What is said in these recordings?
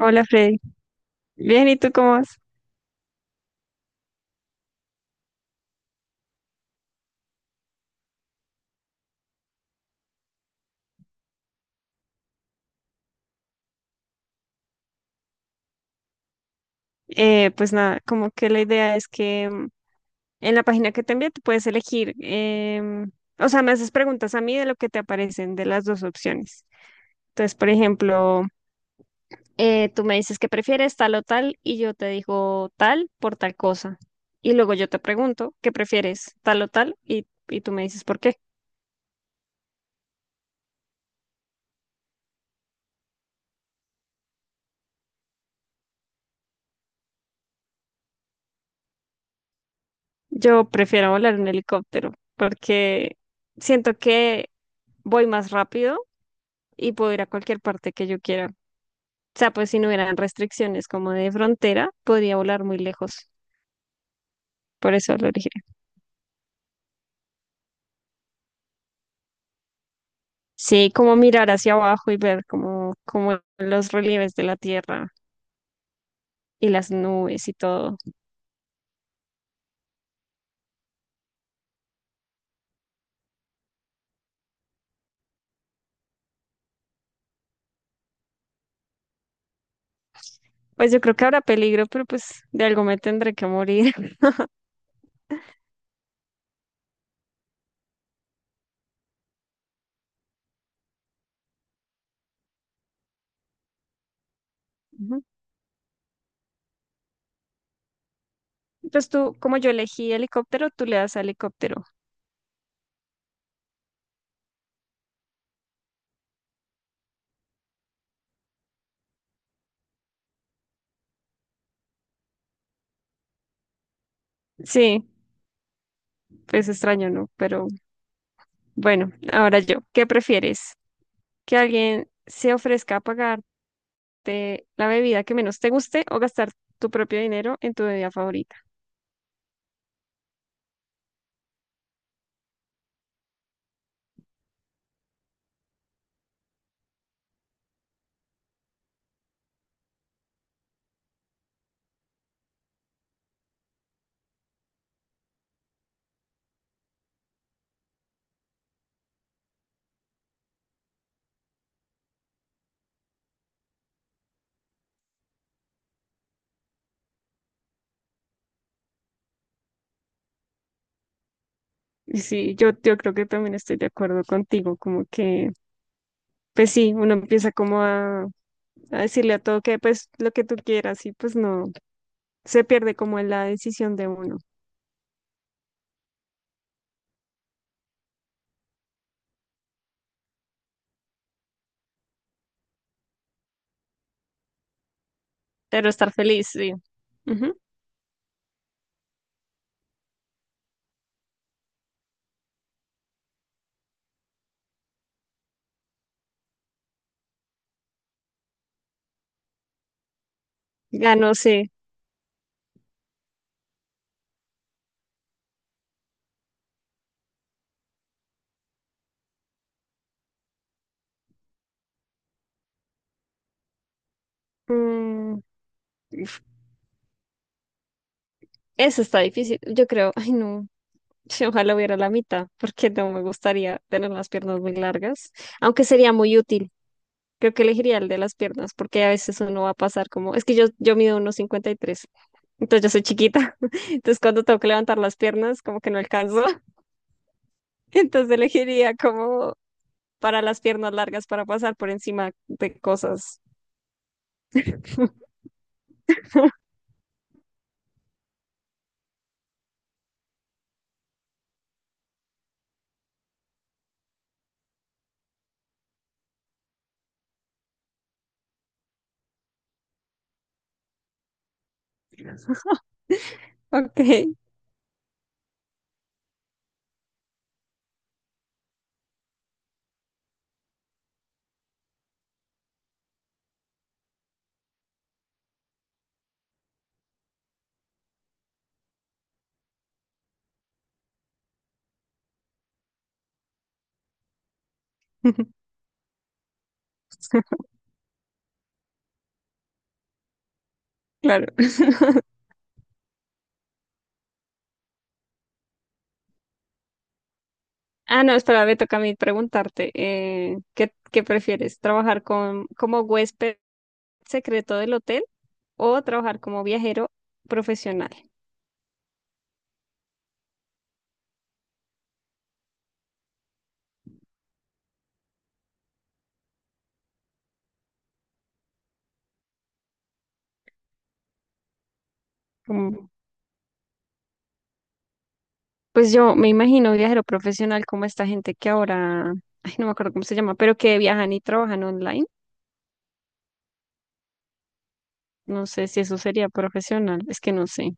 Hola Freddy. Bien, ¿y tú cómo vas? Pues nada, como que la idea es que en la página que te envié tú puedes elegir, o sea, me haces preguntas a mí de lo que te aparecen de las dos opciones. Entonces, por ejemplo, tú me dices que prefieres tal o tal y yo te digo tal por tal cosa. Y luego yo te pregunto qué prefieres tal o tal y tú me dices por qué. Yo prefiero volar en helicóptero porque siento que voy más rápido y puedo ir a cualquier parte que yo quiera. O sea, pues si no hubieran restricciones como de frontera, podría volar muy lejos. Por eso lo dije. Sí, como mirar hacia abajo y ver como los relieves de la tierra y las nubes y todo. Pues yo creo que habrá peligro, pero pues de algo me tendré que morir. Ujú. Entonces tú, como yo elegí helicóptero, tú le das a helicóptero. Sí, pues extraño, ¿no? Pero bueno, ahora yo, ¿qué prefieres? ¿Que alguien se ofrezca a pagarte la bebida que menos te guste o gastar tu propio dinero en tu bebida favorita? Y sí, yo creo que también estoy de acuerdo contigo, como que, pues sí, uno empieza como a decirle a todo que pues lo que tú quieras y pues no, se pierde como en la decisión de uno. Pero estar feliz, sí. Ujú. Ya no sé. Mm, uf, Eso está difícil. Yo creo, ay no, sí, ojalá hubiera la mitad, porque no me gustaría tener las piernas muy largas, aunque sería muy útil. Creo que elegiría el de las piernas, porque a veces uno va a pasar como, es que yo mido unos 53. Entonces yo soy chiquita. Entonces cuando tengo que levantar las piernas, como que no alcanzo. Entonces elegiría como para las piernas largas para pasar por encima de cosas. Ok, claro. Ah, no, espera, me toca a mí preguntarte, ¿qué prefieres? ¿Trabajar con, como huésped secreto del hotel o trabajar como viajero profesional? Como- pues yo me imagino viajero profesional como esta gente que ahora, ay, no me acuerdo cómo se llama, pero que viajan y trabajan online. No sé si eso sería profesional, es que no sé.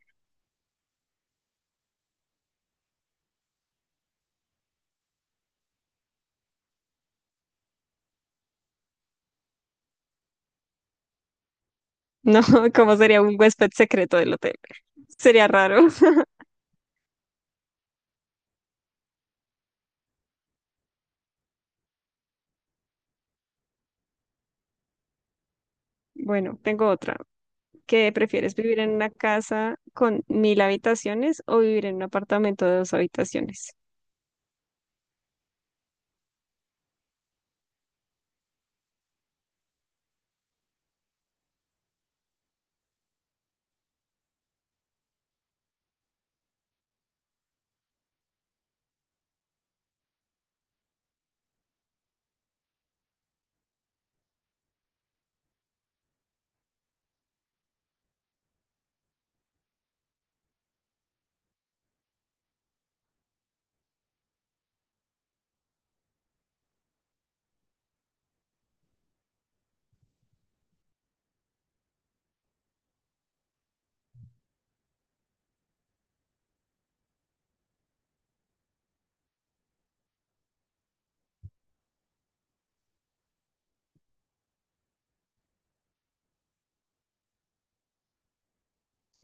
No, ¿cómo sería un huésped secreto del hotel? Sería raro. Bueno, tengo otra. ¿Qué prefieres, vivir en una casa con 1.000 habitaciones o vivir en un apartamento de dos habitaciones?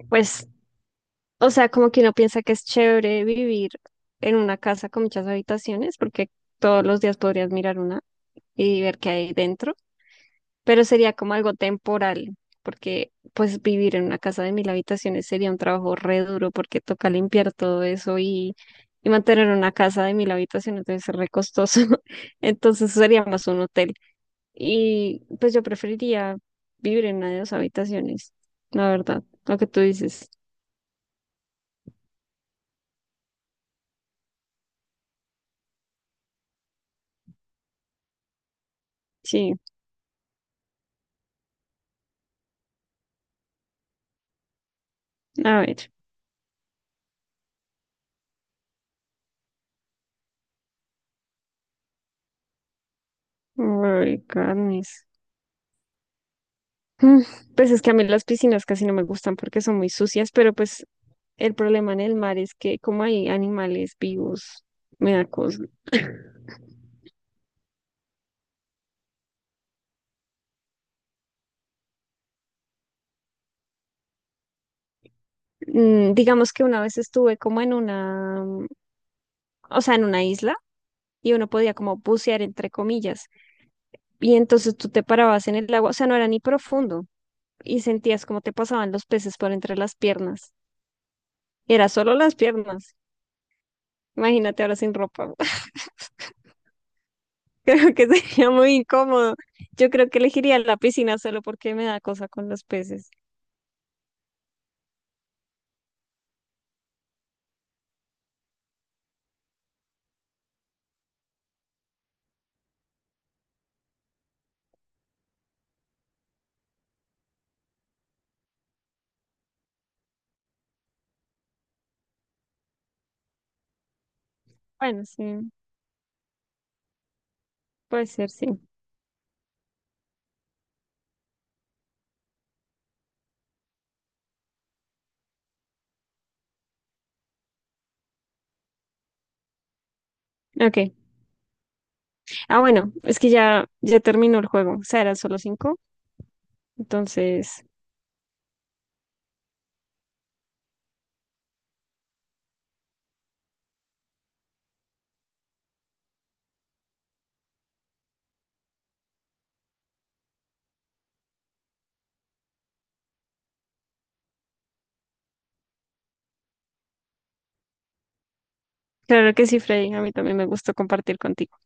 Pues, o sea, como que uno piensa que es chévere vivir en una casa con muchas habitaciones porque todos los días podrías mirar una y ver qué hay dentro, pero sería como algo temporal, porque pues vivir en una casa de 1.000 habitaciones sería un trabajo re duro porque toca limpiar todo eso y mantener una casa de 1.000 habitaciones debe ser re costoso. Entonces sería más un hotel. Y pues yo preferiría vivir en una de dos habitaciones, la verdad, lo que tú dices. Sí, a ver. Ay, carnes. Mm, Pues es que a mí las piscinas casi no me gustan porque son muy sucias, pero pues el problema en el mar es que como hay animales vivos, me da cosa. Digamos que una vez estuve como en una, o sea, en una isla y uno podía como bucear entre comillas. Y entonces tú te parabas en el agua, o sea, no era ni profundo y sentías como te pasaban los peces por entre las piernas. Era solo las piernas. Imagínate ahora sin ropa. Creo que sería muy incómodo. Yo creo que elegiría la piscina solo porque me da cosa con los peces. Bueno, sí, puede ser, sí. Ok. Ah, bueno, es que ya, ya terminó el juego. O sea, eran solo cinco. Entonces, claro que sí, Freddy. A mí también me gustó compartir contigo.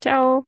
Chao.